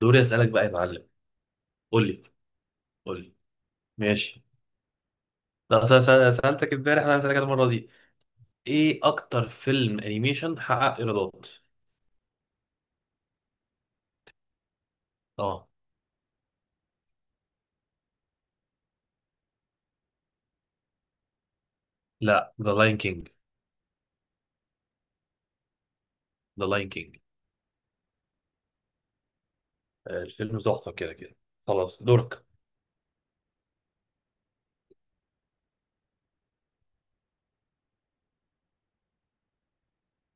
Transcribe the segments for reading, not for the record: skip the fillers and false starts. دوري اسالك بقى يا معلم. قول لي. قول لي ماشي لا، أصل انا سالتك امبارح، انا هسالك المره دي. ايه اكتر فيلم انيميشن حقق ايرادات؟ اه. لا، ذا لاين كينج. ذا لاين كينج الفيلم تحفه كده كده. خلاص دورك.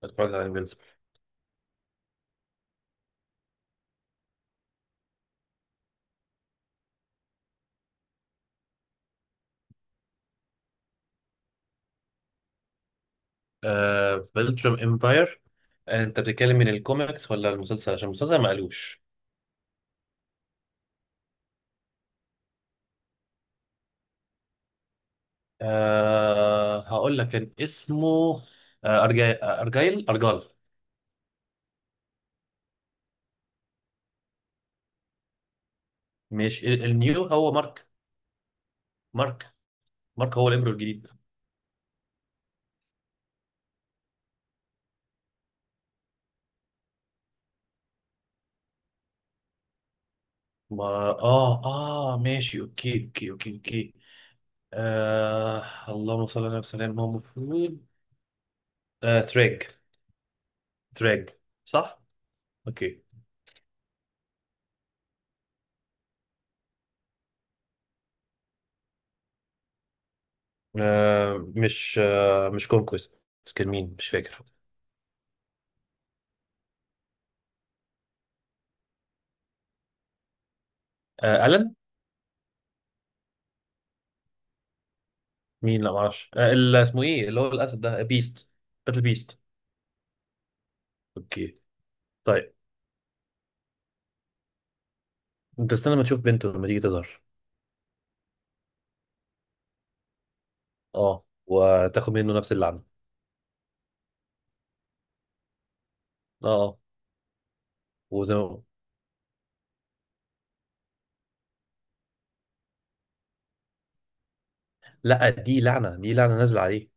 اتفرجت على انفينسيبل. آه، بلترم امباير. انت بتتكلم من الكوميكس ولا المسلسل؟ عشان المسلسل ما قالوش. آه، هقول لك كان اسمه آه أرجاي... آه، ارجايل ارجال. ماشي، النيو هو مارك. مارك. مارك هو الامبرو الجديد. ما اه ماشي، اوكي. آه، اللهم صل على وسلم. ما هو المفروض آه ثريج. ثريج، صح؟ اوكي. آه، مش كونكويست. كان مين مش فاكر. آه، ألن. مين؟ لا معرفش. اسمه ايه اللي هو الاسد ده؟ بيست. باتل بيست. اوكي. طيب انت استنى ما تشوف بنته لما تيجي تظهر. اه، وتاخد منه نفس اللعنه. اه، آه. وزي ما... لا، دي لعنه، دي لعنه نازله عليه،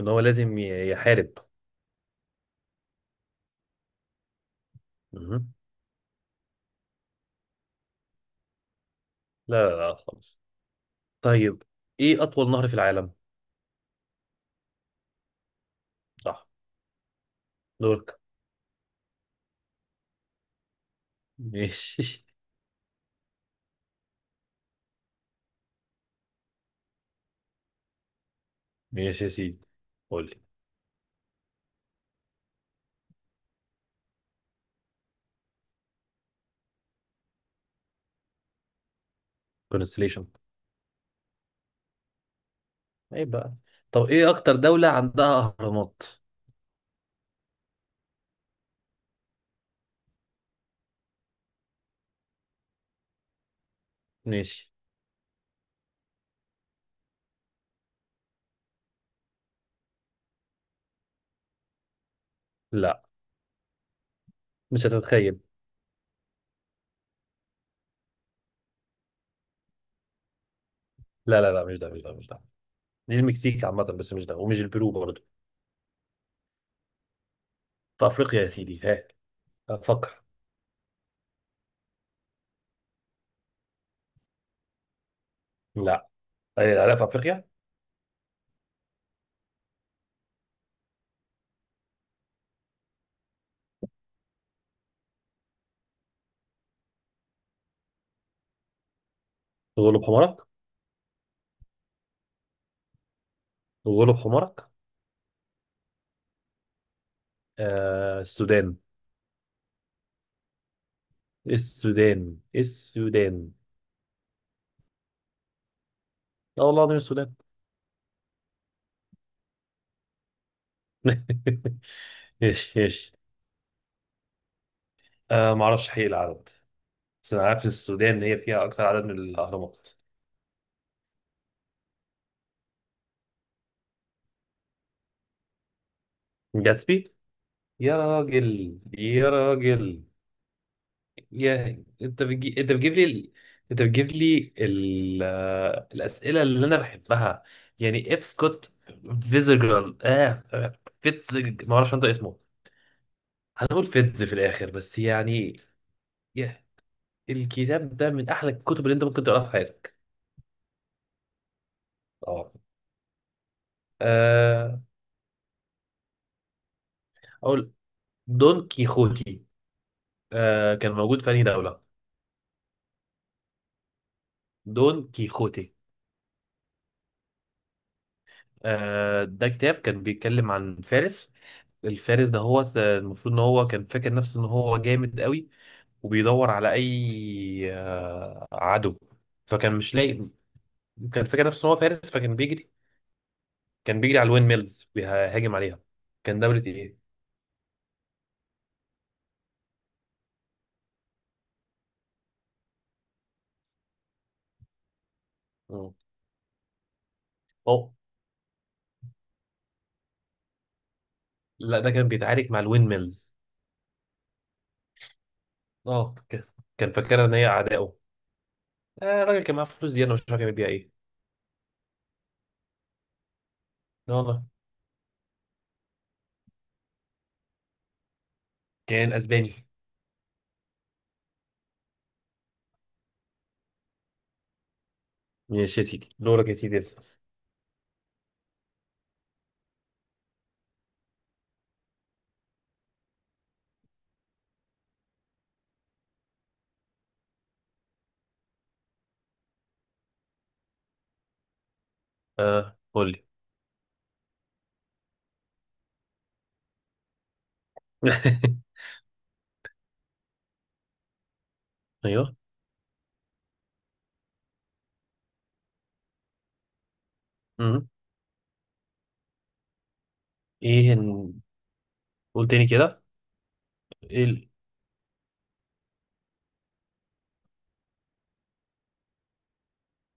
ان هو لازم يحارب. مهم. لا لا لا خالص. طيب، ايه اطول نهر في العالم؟ صح. دورك. ماشي. ماشي يا سيدي. قول لي. كونستليشن. ايه بقى؟ طب ايه اكتر دولة عندها اهرامات؟ ماشي. لا، مش هتتخيل. لا لا لا، مش ده، مش ده، مش ده. دي المكسيك عامة، بس مش ده، ومش البرو برضه. في افريقيا يا سيدي. ها، افكر. لا. ايه، العراق في افريقيا؟ غلب حمارك. غلب حمارك. آه، السودان. السودان. السودان. لا والله العظيم السودان. ايش ايش. آه، ما اعرفش حقيقي العدد، بس انا عارف السودان هي فيها اكتر عدد من الاهرامات. جاتسبي. يا راجل يا راجل. يا انت بتجيب لي انت بتجيب لي ال... آه، الاسئله اللي انا بحبها، يعني اف سكوت فيزجرال. فيتزج، ما اعرفش انت اسمه. هنقول فيتز في الاخر بس يعني. يا، الكتاب ده من احلى الكتب اللي انت ممكن تقراها في حياتك. اه. آه، اقول دون كيخوتي. آه، كان موجود في أنهي دولة؟ دون كيخوتي. آه، ده كتاب كان بيتكلم عن فارس. الفارس ده هو المفروض ان هو كان فاكر نفسه ان هو جامد قوي، وبيدور على اي عدو، فكان مش لاقي. كان فاكر نفسه ان هو فارس فكان بيجري. كان بيجري على الوين ميلز بيهاجم عليها. كان دولة ايه؟ مم. اه. لا، ده كان بيتعارك مع الوين ميلز. اه ك- كان فاكرها ان هي اعدائه. آه الراجل كان معاه فلوس زيادة مش عارف يعمل بيها ايه. لا والله. كان اسباني. ماشي يا سيدي، دورك يا سيدي، اسأل. اه قول لي. ايوه. مم. ايه ن- قول تاني كده. ايه ال-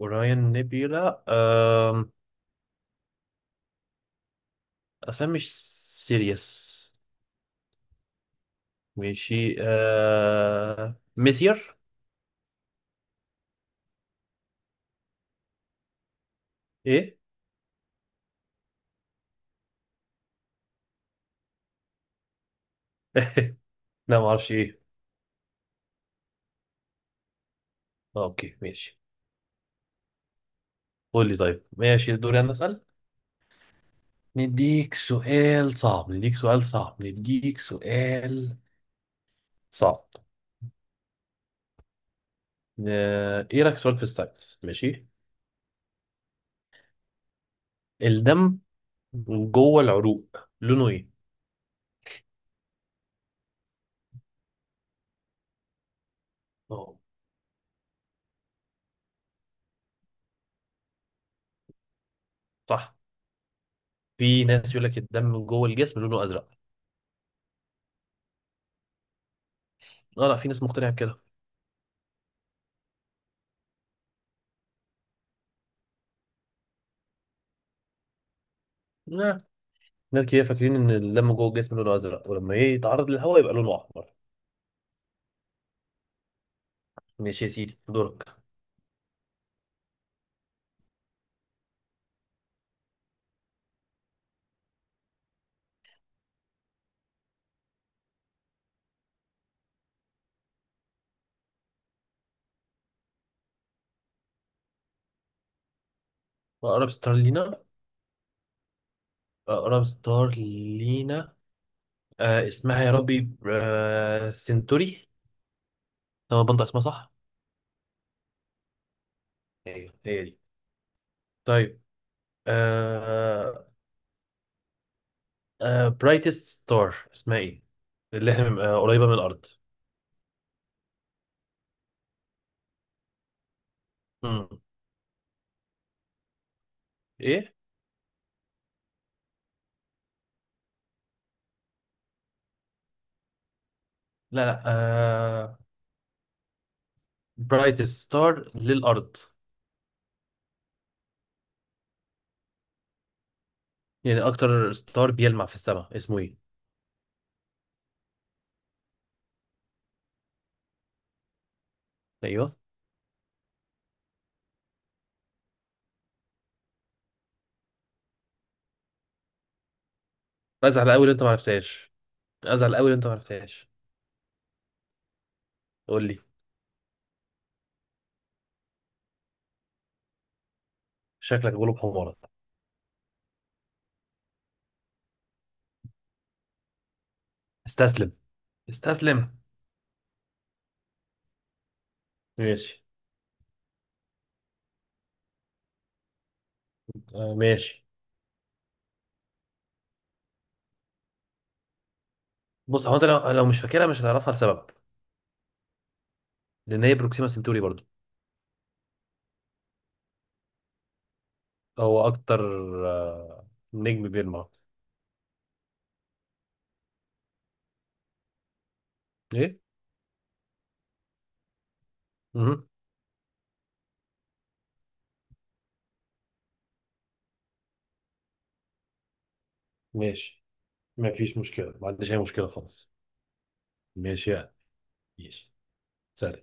اوراين نيبيولا. آم، اصلا مش سيريس. ماشي. ميسير. ايه؟ لا ما اعرفش ايه. آه، اوكي ماشي. قول لي طيب. ماشي، دوري انا اسال. نديك سؤال صعب، نديك سؤال صعب، نديك سؤال صعب. ايه رايك في سؤال في الساينس؟ ماشي. الدم جوه العروق لونه ايه؟ اه. صح. في ناس يقول لك الدم جوه الجسم لونه ازرق. اه، لا، في ناس مقتنعه بكده. لا، ناس كتير فاكرين ان الدم جوه الجسم لونه ازرق، ولما ايه يتعرض للهواء يبقى لونه احمر. ماشي يا سيدي، دورك. اقرب ستار لينا. اقرب ستار لينا، آه، اسمها يا ربي، آه، سنتوري. لما بنطق اسمها صح. ايوه هي دي. طيب. آه. آه، برايتست ستار اسمها ايه اللي احنا قريبه من الارض؟ مم. ايه. لا لا، برايت ستار للأرض، يعني أكتر ستار بيلمع في السماء اسمه إيه؟ أيوه. أزعل أوي لو أنت معرفتهاش. أزعل أوي لو أنت معرفتهاش. قول لي. شكلك غلوب حمارك. استسلم. استسلم. ماشي. آه ماشي. بص، هو أنت لو, لو مش فاكرها مش هتعرفها لسبب. لأن هي بروكسيما سنتوري برضو. هو أكتر، آه... نجم بيلمع. إيه؟ مهم. ماشي. مفيش مشكلة، ما عنديش أي مشكلة خالص. ماشي يعني. ماشي. سهل.